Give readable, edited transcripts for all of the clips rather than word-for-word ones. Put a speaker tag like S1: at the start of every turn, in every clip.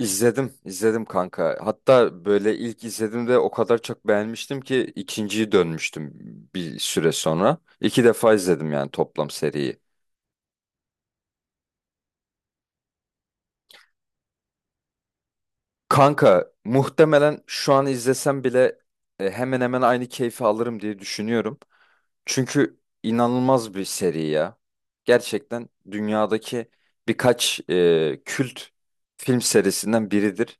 S1: İzledim, izledim kanka. Hatta böyle ilk izlediğimde o kadar çok beğenmiştim ki ikinciyi dönmüştüm bir süre sonra. İki defa izledim yani toplam seriyi. Kanka muhtemelen şu an izlesem bile hemen hemen aynı keyfi alırım diye düşünüyorum. Çünkü inanılmaz bir seri ya. Gerçekten dünyadaki birkaç kült film serisinden biridir.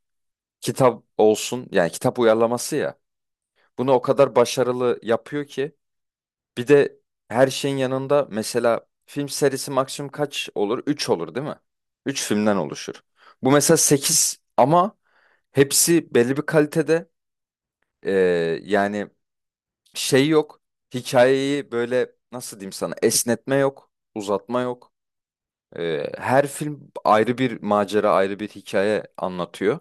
S1: Kitap olsun, yani kitap uyarlaması ya. Bunu o kadar başarılı yapıyor ki. Bir de her şeyin yanında, mesela, film serisi maksimum kaç olur? Üç olur değil mi? Üç filmden oluşur. Bu mesela sekiz, ama hepsi belli bir kalitede. Ee, Yani şey yok. Hikayeyi, böyle nasıl diyeyim sana, esnetme yok, uzatma yok. Her film ayrı bir macera, ayrı bir hikaye anlatıyor.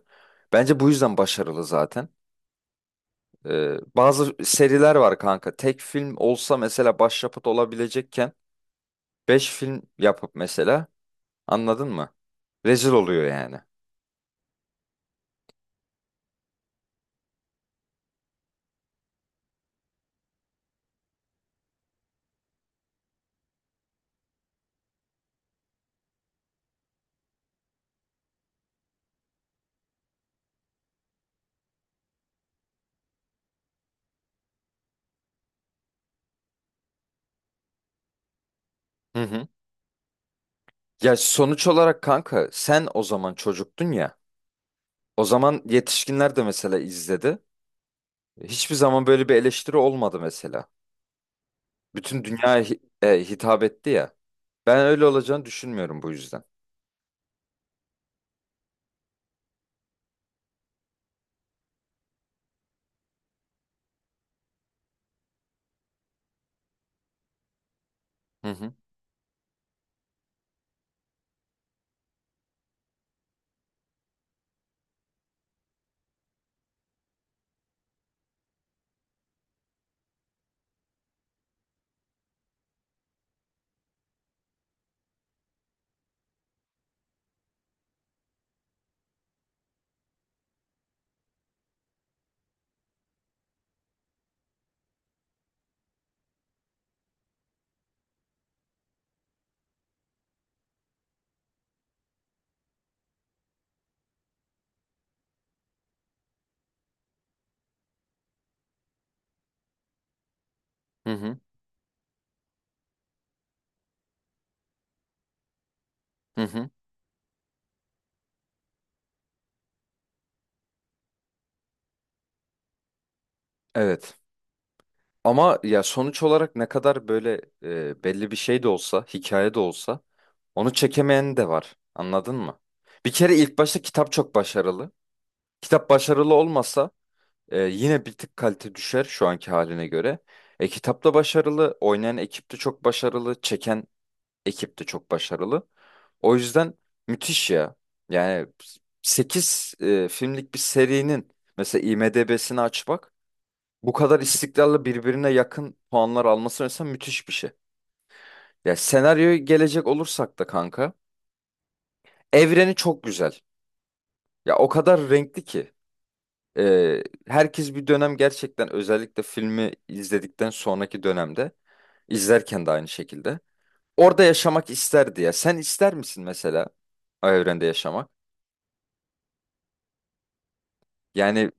S1: Bence bu yüzden başarılı zaten. Bazı seriler var kanka. Tek film olsa mesela başyapıt olabilecekken beş film yapıp mesela, anladın mı, rezil oluyor yani. Hı hı. Ya sonuç olarak kanka, sen o zaman çocuktun ya. O zaman yetişkinler de mesela izledi. Hiçbir zaman böyle bir eleştiri olmadı mesela. Bütün dünyaya hitap etti ya. Ben öyle olacağını düşünmüyorum bu yüzden. Hı hı. Hı hı. Hı hı. Evet. Ama ya sonuç olarak ne kadar böyle belli bir şey de olsa, hikaye de olsa, onu çekemeyen de var. Anladın mı? Bir kere ilk başta kitap çok başarılı. Kitap başarılı olmasa yine bir tık kalite düşer şu anki haline göre. Kitap da başarılı, oynayan ekip de çok başarılı, çeken ekip de çok başarılı. O yüzden müthiş ya. Yani 8 filmlik bir serinin mesela IMDb'sini aç bak. Bu kadar istikrarlı, birbirine yakın puanlar alması mesela müthiş bir şey. Ya senaryoya gelecek olursak da kanka, evreni çok güzel. Ya o kadar renkli ki herkes bir dönem, gerçekten özellikle filmi izledikten sonraki dönemde, izlerken de aynı şekilde orada yaşamak isterdi ya. Sen ister misin mesela o evrende yaşamak? Yani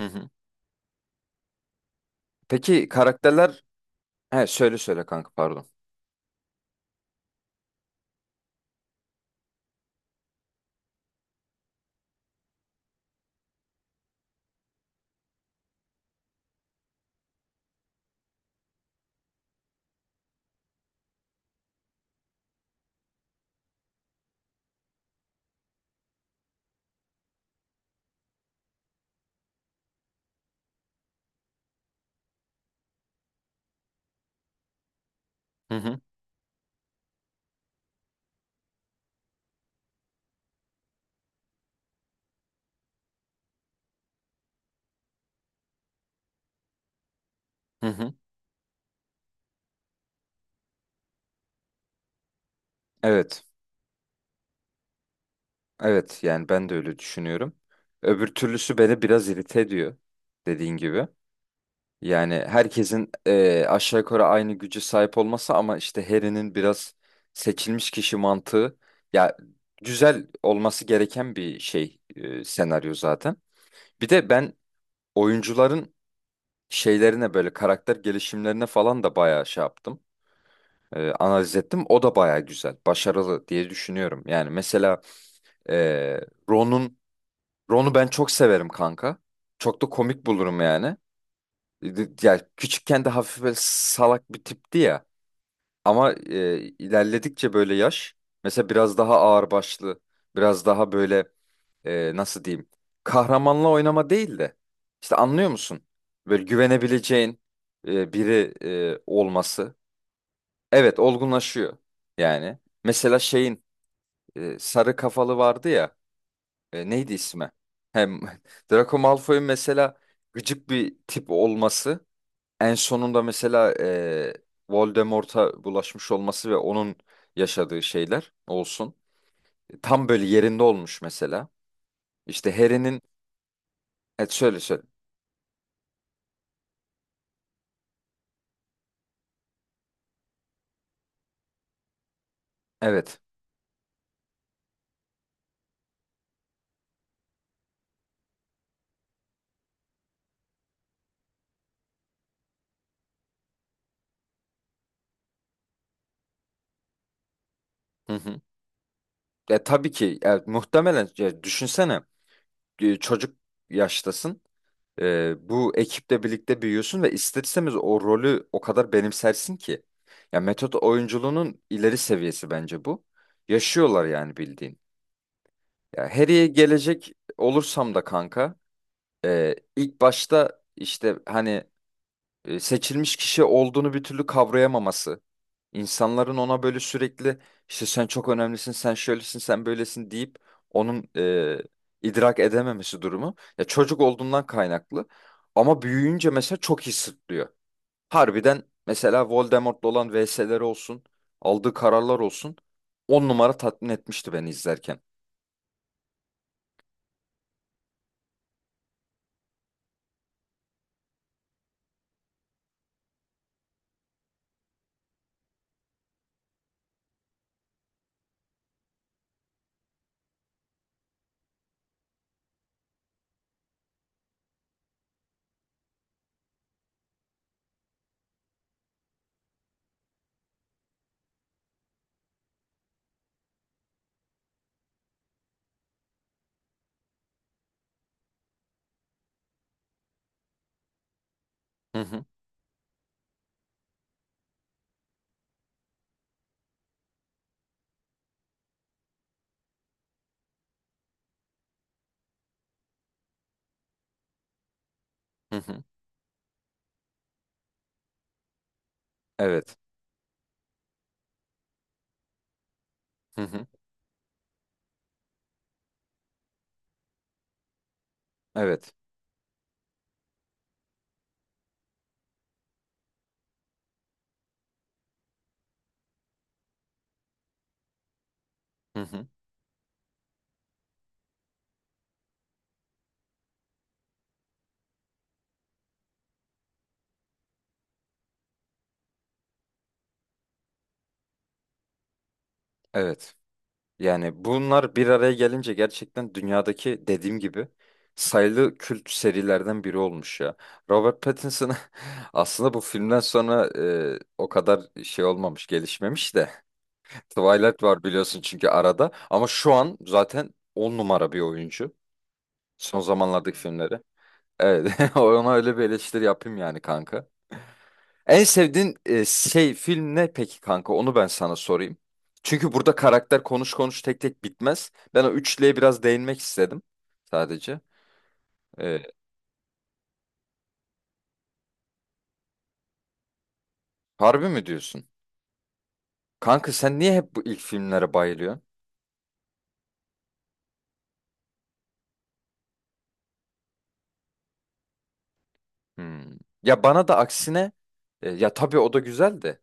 S1: hı hı. Peki karakterler. He, söyle söyle kanka, pardon. Hı hı. Hı hı. Evet. Evet, yani ben de öyle düşünüyorum. Öbür türlüsü beni biraz irite ediyor, dediğin gibi. Yani herkesin aşağı yukarı aynı güce sahip olması, ama işte Harry'nin biraz seçilmiş kişi mantığı ya, güzel olması gereken bir şey senaryo zaten. Bir de ben oyuncuların şeylerine, böyle karakter gelişimlerine falan da bayağı şey yaptım, analiz ettim. O da bayağı güzel, başarılı diye düşünüyorum. Yani mesela eee Ron'un Ron'u ben çok severim kanka. Çok da komik bulurum yani. Ya küçükken de hafif böyle salak bir tipti ya. Ama ilerledikçe böyle yaş, mesela biraz daha ağırbaşlı, biraz daha böyle, nasıl diyeyim? Kahramanla oynama değil de işte, anlıyor musun? Böyle güvenebileceğin biri olması. Evet, olgunlaşıyor yani. Mesela şeyin, sarı kafalı vardı ya. Neydi ismi? Hem Draco Malfoy'un mesela gıcık bir tip olması, en sonunda mesela Voldemort'a bulaşmış olması ve onun yaşadığı şeyler olsun. Tam böyle yerinde olmuş mesela. İşte Harry'nin. Evet, söyle söyle. Evet. Hı hı. Tabii ki, muhtemelen, düşünsene, çocuk yaştasın. Bu ekiple birlikte büyüyorsun ve ister istemez o rolü o kadar benimsersin ki. Ya metot oyunculuğunun ileri seviyesi bence bu. Yaşıyorlar yani, bildiğin. Ya Harry'e gelecek olursam da kanka, ilk başta işte hani seçilmiş kişi olduğunu bir türlü kavrayamaması. İnsanların ona böyle sürekli işte sen çok önemlisin, sen şöylesin, sen böylesin deyip onun idrak edememesi durumu. Ya çocuk olduğundan kaynaklı. Ama büyüyünce mesela çok iyi sırtlıyor. Harbiden mesela Voldemort'la olan vs'leri olsun, aldığı kararlar olsun. On numara tatmin etmişti beni izlerken. Hı hı, hı hı. Evet. Hı hı, evet. Hı hı, evet. Yani bunlar bir araya gelince gerçekten dünyadaki, dediğim gibi, sayılı kült serilerden biri olmuş ya. Robert Pattinson aslında bu filmden sonra o kadar şey olmamış, gelişmemiş de. Twilight var, biliyorsun, çünkü arada, ama şu an zaten 10 numara bir oyuncu. Son zamanlardaki filmleri. Evet, ona öyle bir eleştiri yapayım yani kanka. En sevdiğin şey film ne peki kanka? Onu ben sana sorayım. Çünkü burada karakter konuş konuş tek tek bitmez. Ben o üçlüye biraz değinmek istedim sadece. E, Harbi mi diyorsun? Kanka, sen niye hep bu ilk filmlere bayılıyorsun? Hmm. Ya bana da aksine, ya tabii o da güzel de.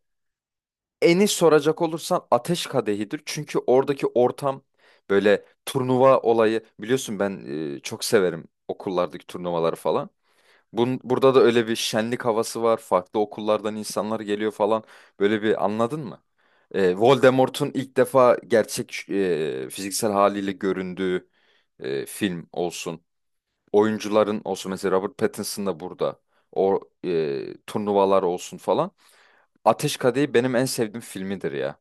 S1: Eni soracak olursan Ateş Kadehi'dir. Çünkü oradaki ortam, böyle turnuva olayı, biliyorsun ben çok severim okullardaki turnuvaları falan. Burada da öyle bir şenlik havası var. Farklı okullardan insanlar geliyor falan. Böyle bir, anladın mı? Voldemort'un ilk defa gerçek fiziksel haliyle göründüğü film olsun. Oyuncuların olsun. Mesela Robert Pattinson da burada. O turnuvalar olsun falan. Ateş Kadehi benim en sevdiğim filmidir ya.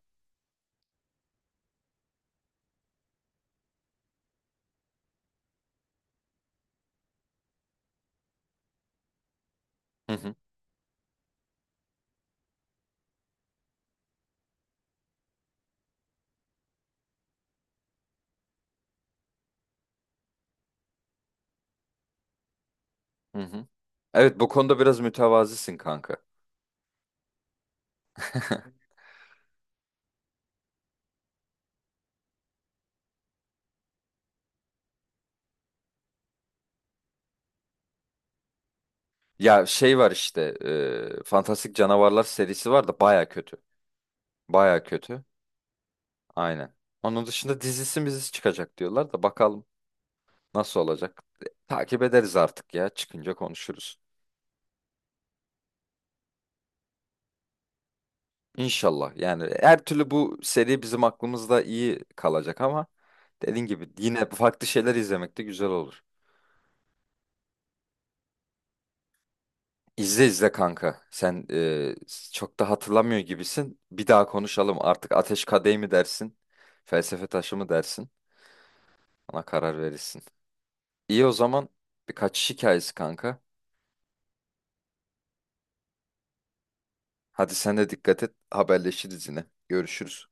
S1: Hı hı, hı hı. Evet, bu konuda biraz mütevazisin kanka. Ya şey var işte, Fantastik Canavarlar serisi var da baya kötü. Baya kötü. Aynen. Onun dışında dizisi mizisi çıkacak diyorlar da, bakalım nasıl olacak. Takip ederiz artık ya. Çıkınca konuşuruz. İnşallah. Yani her türlü bu seri bizim aklımızda iyi kalacak, ama dediğin gibi yine farklı şeyler izlemek de güzel olur. İzle izle kanka. Sen çok da hatırlamıyor gibisin. Bir daha konuşalım. Artık Ateş Kadehi mi dersin? Felsefe Taşı mı dersin? Ona karar verirsin. İyi o zaman, birkaç hikayesi kanka. Hadi sen de dikkat et. Haberleşiriz yine. Görüşürüz.